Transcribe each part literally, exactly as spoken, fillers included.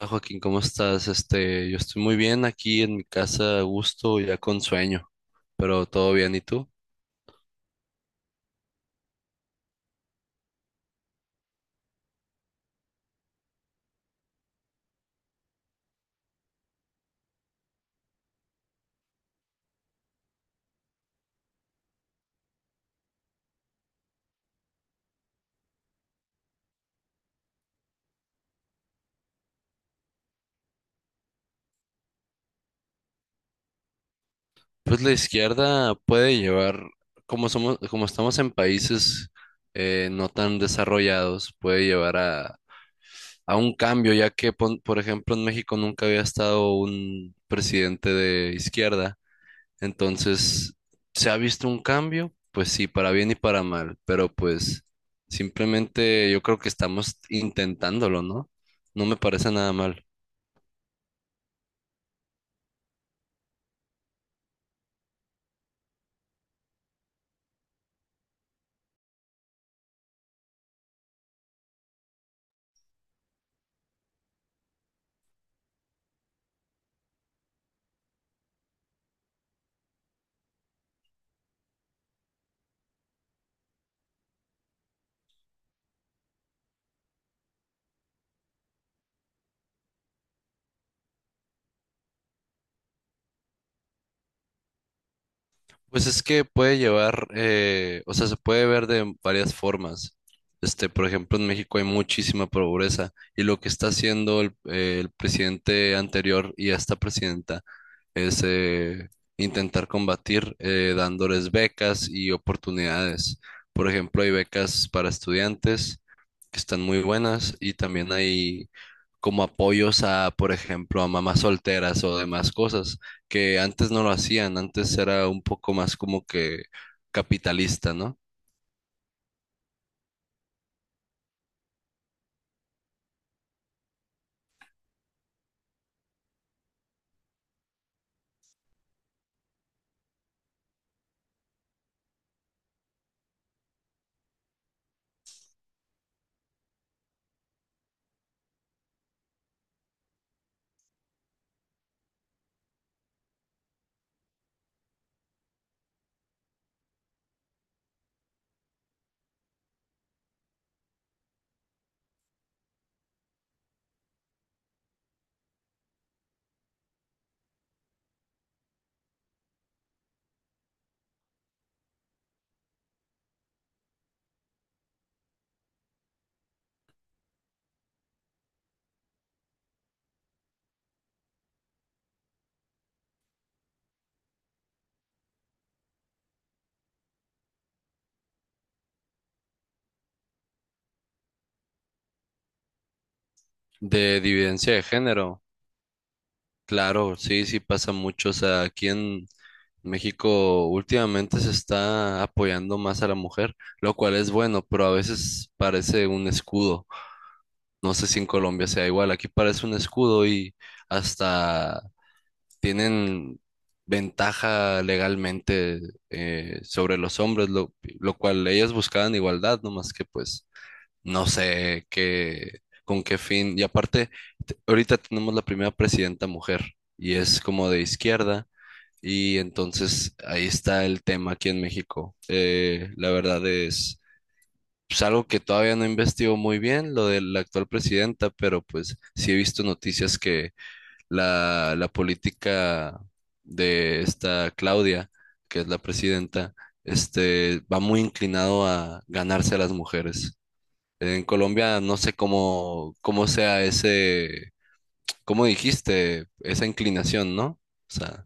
Hola, Joaquín, ¿cómo estás? Este, yo estoy muy bien aquí en mi casa, a gusto, ya con sueño, pero todo bien, ¿y tú? Pues la izquierda puede llevar, como somos, como estamos en países eh, no tan desarrollados, puede llevar a, a un cambio, ya que, pon- por ejemplo, en México nunca había estado un presidente de izquierda. Entonces, ¿se ha visto un cambio? Pues sí, para bien y para mal, pero pues simplemente yo creo que estamos intentándolo, ¿no? No me parece nada mal. Pues es que puede llevar, eh, o sea, se puede ver de varias formas. Este, por ejemplo, en México hay muchísima pobreza y lo que está haciendo el, eh, el presidente anterior y esta presidenta es eh, intentar combatir, eh, dándoles becas y oportunidades. Por ejemplo, hay becas para estudiantes que están muy buenas y también hay como apoyos a, por ejemplo, a mamás solteras o demás cosas que antes no lo hacían, antes era un poco más como que capitalista, ¿no? De dividencia de género, claro, sí, sí pasa mucho, o sea, aquí en México últimamente se está apoyando más a la mujer, lo cual es bueno, pero a veces parece un escudo, no sé si en Colombia sea igual, aquí parece un escudo y hasta tienen ventaja legalmente eh, sobre los hombres, lo, lo cual ellas buscaban igualdad, no más que pues no sé qué, con qué fin. Y aparte, te- ahorita tenemos la primera presidenta mujer y es como de izquierda. Y entonces ahí está el tema aquí en México. Eh, la verdad es pues, algo que todavía no investigo muy bien, lo de la actual presidenta, pero pues sí he visto noticias que la, la política de esta Claudia, que es la presidenta, este, va muy inclinado a ganarse a las mujeres. En Colombia no sé cómo, cómo sea ese, cómo dijiste, esa inclinación, ¿no? O sea,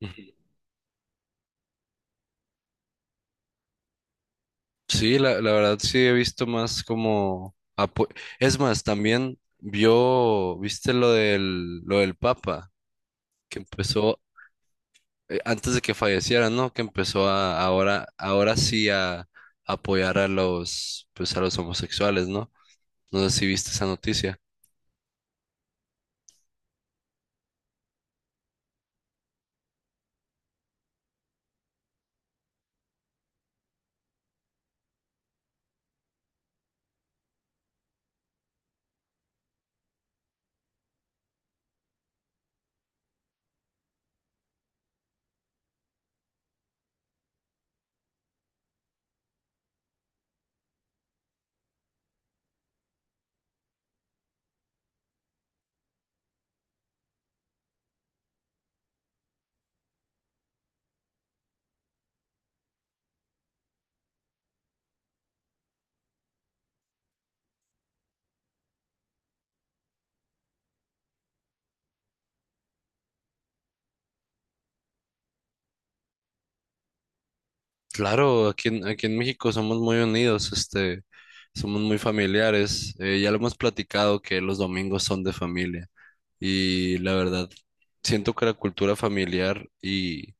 ujú. Sí, la, la verdad sí he visto más como apo-. Es más, también vio, viste lo del, lo del Papa, que empezó, eh, antes de que falleciera, ¿no? Que empezó a, ahora, ahora sí a apoyar a los, pues a los homosexuales, ¿no? No sé si viste esa noticia. Claro, aquí en, aquí en México somos muy unidos, este, somos muy familiares. Eh, ya lo hemos platicado que los domingos son de familia y la verdad, siento que la cultura familiar y,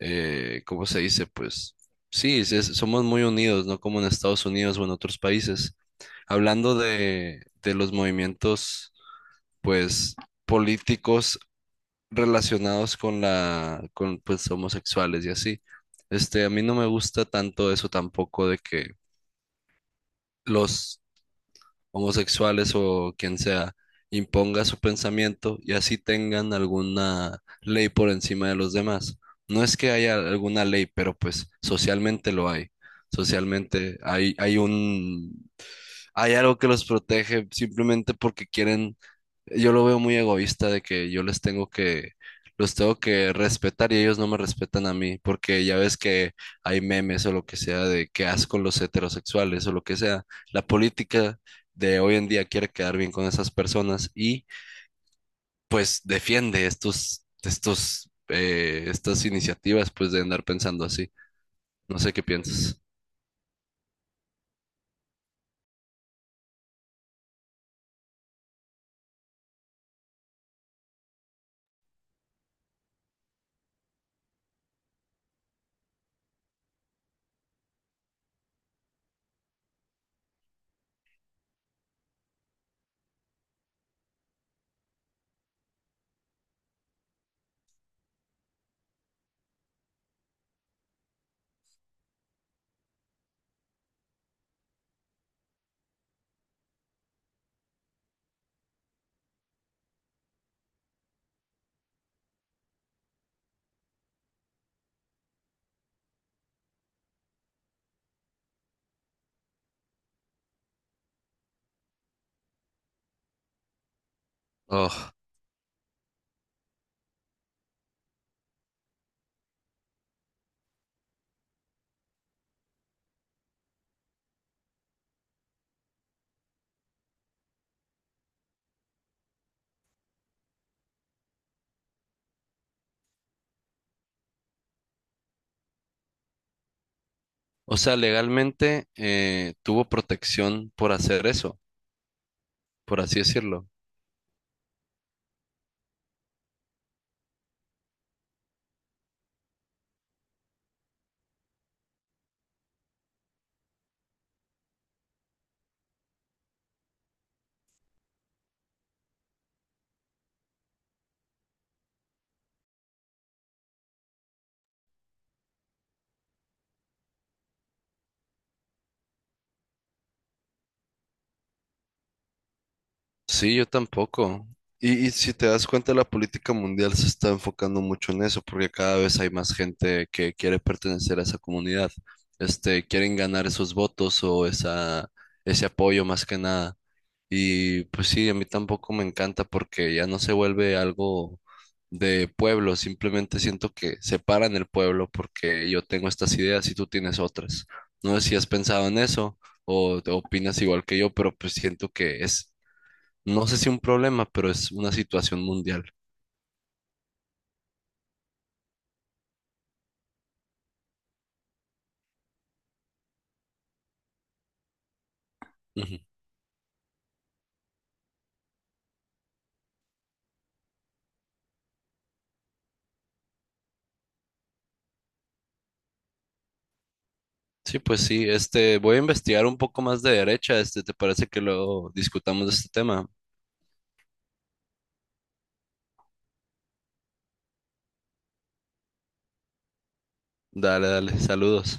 eh, ¿cómo se dice? Pues sí, sí, es- somos muy unidos, no como en Estados Unidos o en otros países. Hablando de, de los movimientos, pues, políticos relacionados con la, con pues homosexuales y así. Este, a mí no me gusta tanto eso tampoco de que los homosexuales o quien sea imponga su pensamiento y así tengan alguna ley por encima de los demás. No es que haya alguna ley, pero pues socialmente lo hay. Socialmente hay, hay un, hay algo que los protege simplemente porque quieren, yo lo veo muy egoísta de que yo les tengo que, los tengo que respetar y ellos no me respetan a mí, porque ya ves que hay memes o lo que sea de qué asco los heterosexuales o lo que sea. La política de hoy en día quiere quedar bien con esas personas y pues defiende estos, estos, eh, estas iniciativas pues de andar pensando así. No sé qué piensas. Oh. O sea, legalmente, eh, tuvo protección por hacer eso, por así decirlo. Sí, yo tampoco. Y, y si te das cuenta, la política mundial se está enfocando mucho en eso, porque cada vez hay más gente que quiere pertenecer a esa comunidad. Este, quieren ganar esos votos o esa, ese apoyo más que nada. Y pues sí, a mí tampoco me encanta porque ya no se vuelve algo de pueblo, simplemente siento que separan el pueblo porque yo tengo estas ideas y tú tienes otras. No sé si has pensado en eso o te opinas igual que yo, pero pues siento que es, no sé si un problema, pero es una situación mundial. Ujú. Sí, pues sí, este, voy a investigar un poco más de derecha, este, ¿te parece que luego discutamos de este tema? Dale, dale, saludos.